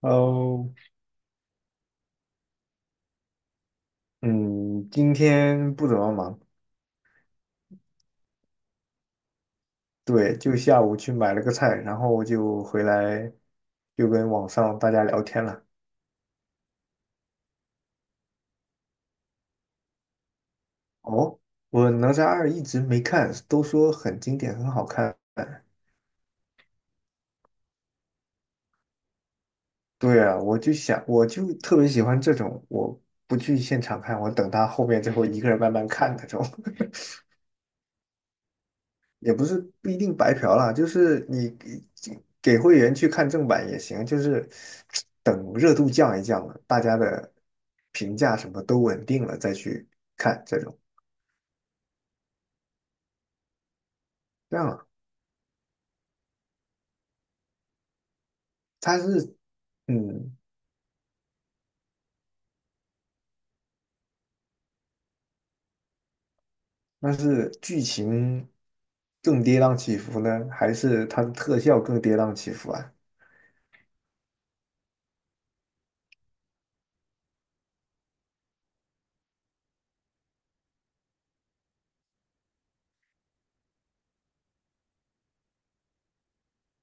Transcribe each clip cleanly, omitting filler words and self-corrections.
哦。嗯，今天不怎么忙。对，就下午去买了个菜，然后就回来就跟网上大家聊天了。哦，我哪吒二一直没看，都说很经典，很好看。对啊，我就想，我就特别喜欢这种，我不去现场看，我等他后面之后一个人慢慢看那种。也不是不一定白嫖啦，就是你给会员去看正版也行，就是 等热度降一降了，大家的评价什么都稳定了再去看这种。这样啊。它是嗯，那是剧情更跌宕起伏呢，还是它的特效更跌宕起伏啊？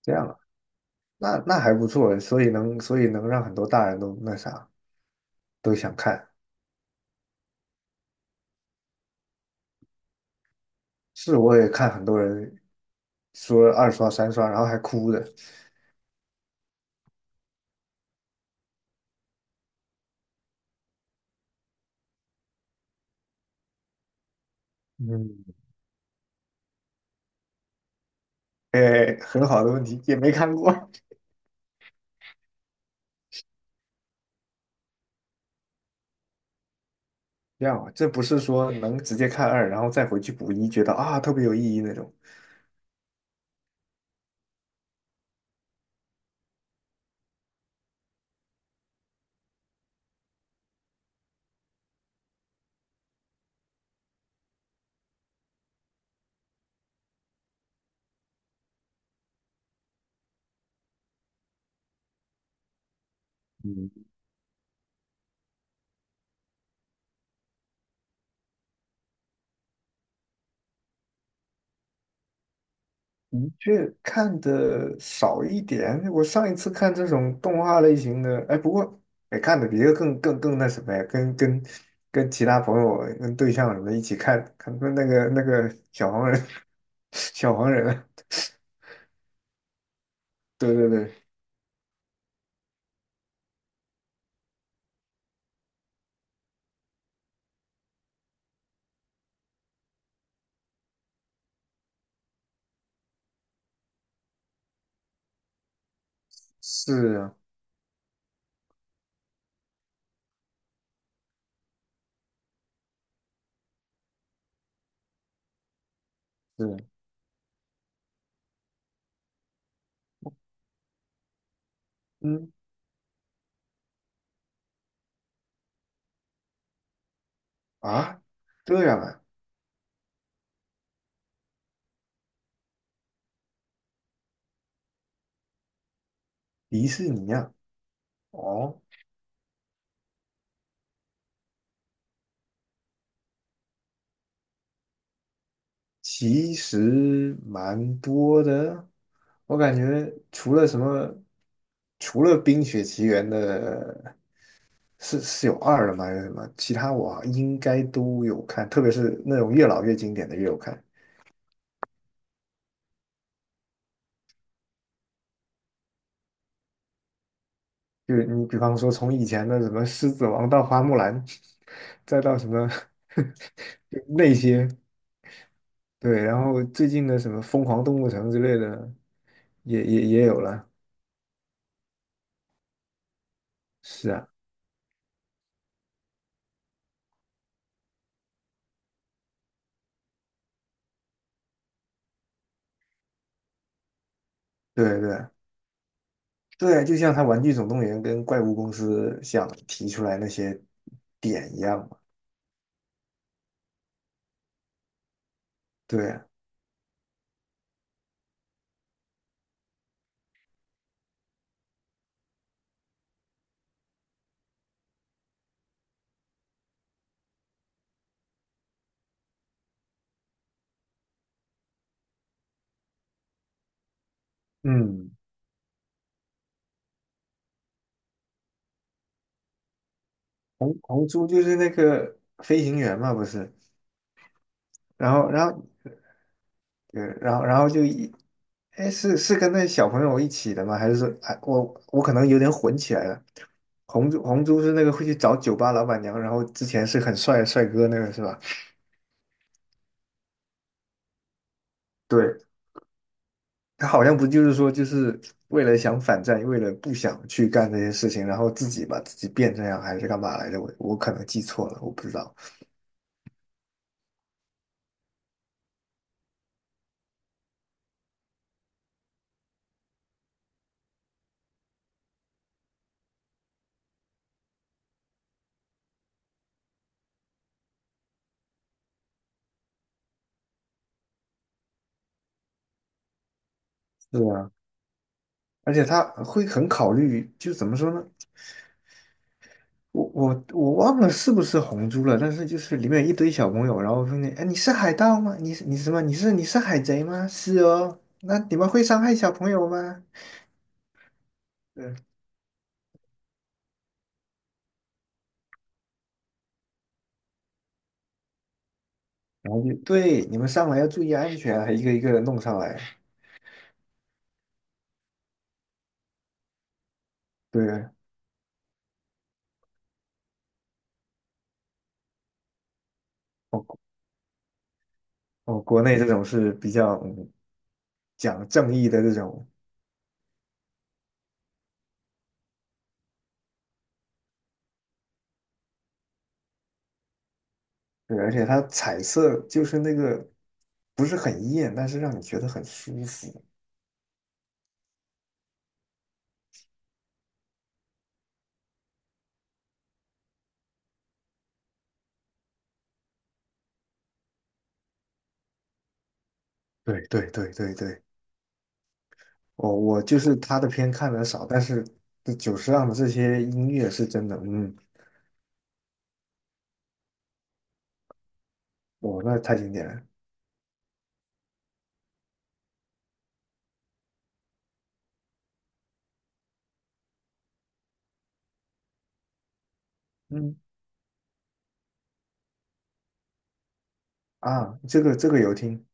这样啊，那那还不错，所以能让很多大人都那啥都想看。是，我也看很多人说二刷三刷，然后还哭的。嗯，哎，很好的问题，也没看过。这样啊，这不是说能直接看二，然后再回去补一，觉得啊特别有意义那种。嗯，的确看的少一点。我上一次看这种动画类型的，哎，不过哎看的比这个更那什么呀，跟其他朋友、跟对象什么的一起看，看那个小黄人，小黄人啊。对对对。是啊。是啊。嗯。啊，这样啊。迪士尼啊。哦。其实蛮多的，我感觉除了什么，除了《冰雪奇缘》的，是有二了吗？还是什么？其他我应该都有看，特别是那种越老越经典的越有看。就是你比方说从以前的什么《狮子王》到《花木兰》，再到什么 就那些。对，然后最近的什么《疯狂动物城》之类的，也有了。是啊。对对。对，就像他《玩具总动员》跟怪物公司想提出来那些点一样嘛。对。嗯。红猪就是那个飞行员嘛，不是？然后，然后，对，然后，然后就一，哎，是是跟那小朋友一起的吗？还是说，哎，我可能有点混起来了。红猪是那个会去找酒吧老板娘，然后之前是很帅的帅哥那个是吧？对，他好像不就是说，就是为了想反战，为了不想去干这些事情，然后自己把自己变这样，还是干嘛来着？我可能记错了，我不知道。是啊，而且他会很考虑，就怎么说呢？我忘了是不是红猪了，但是就是里面有一堆小朋友，然后说你，哎，你是海盗吗？你是什么？你是海贼吗？是哦，那你们会伤害小朋友吗？对，然后就对，你们上来要注意安全，还一个一个的弄上来。对。哦，国内这种是比较嗯讲正义的这种。对，而且它彩色就是那个不是很艳，但是让你觉得很舒服。对对对对对，我就是他的片看的少，但是这久石让的这些音乐是真的，嗯，我那太经典了。嗯。啊，这个这个有听。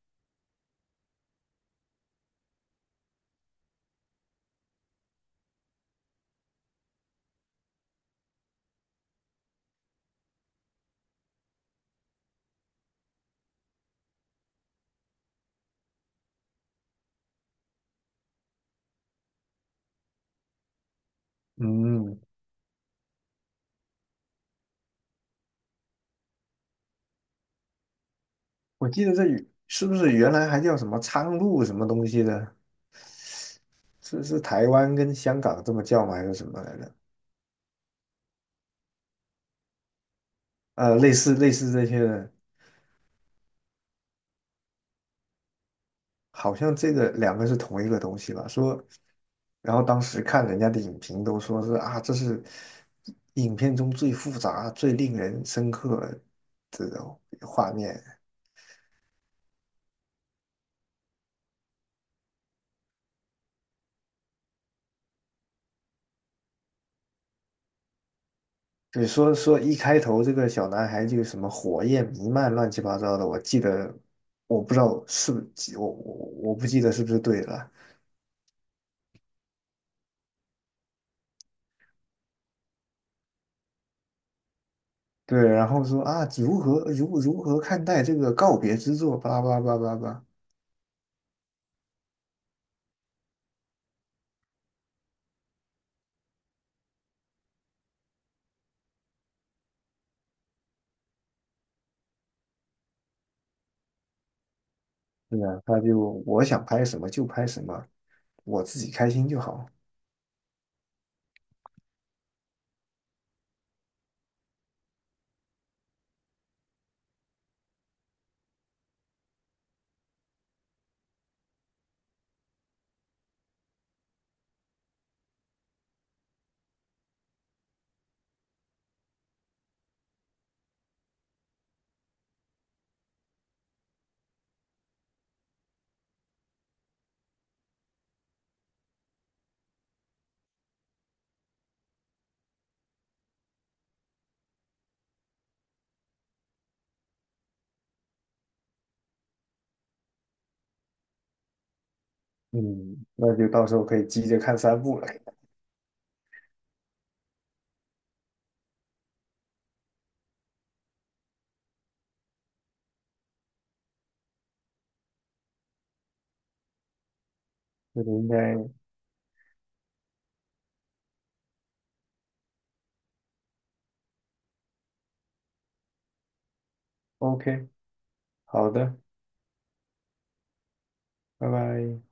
嗯，我记得这语是不是原来还叫什么苍鹭什么东西的？是是台湾跟香港这么叫吗？还是什么来着？呃，类似类似这些的。好像这个两个是同一个东西吧？说，然后当时看人家的影评都说是啊，这是影片中最复杂、最令人深刻的画面。对，说说一开头这个小男孩就什么火焰弥漫、乱七八糟的，我记得，我不知道是不是我我不记得是不是对了。对，然后说啊，如何如何看待这个告别之作？巴拉巴拉巴拉巴拉。是啊，他就我想拍什么就拍什么，我自己开心就好。嗯，那就到时候可以急着看三部了。这个应该 OK。好的，拜拜。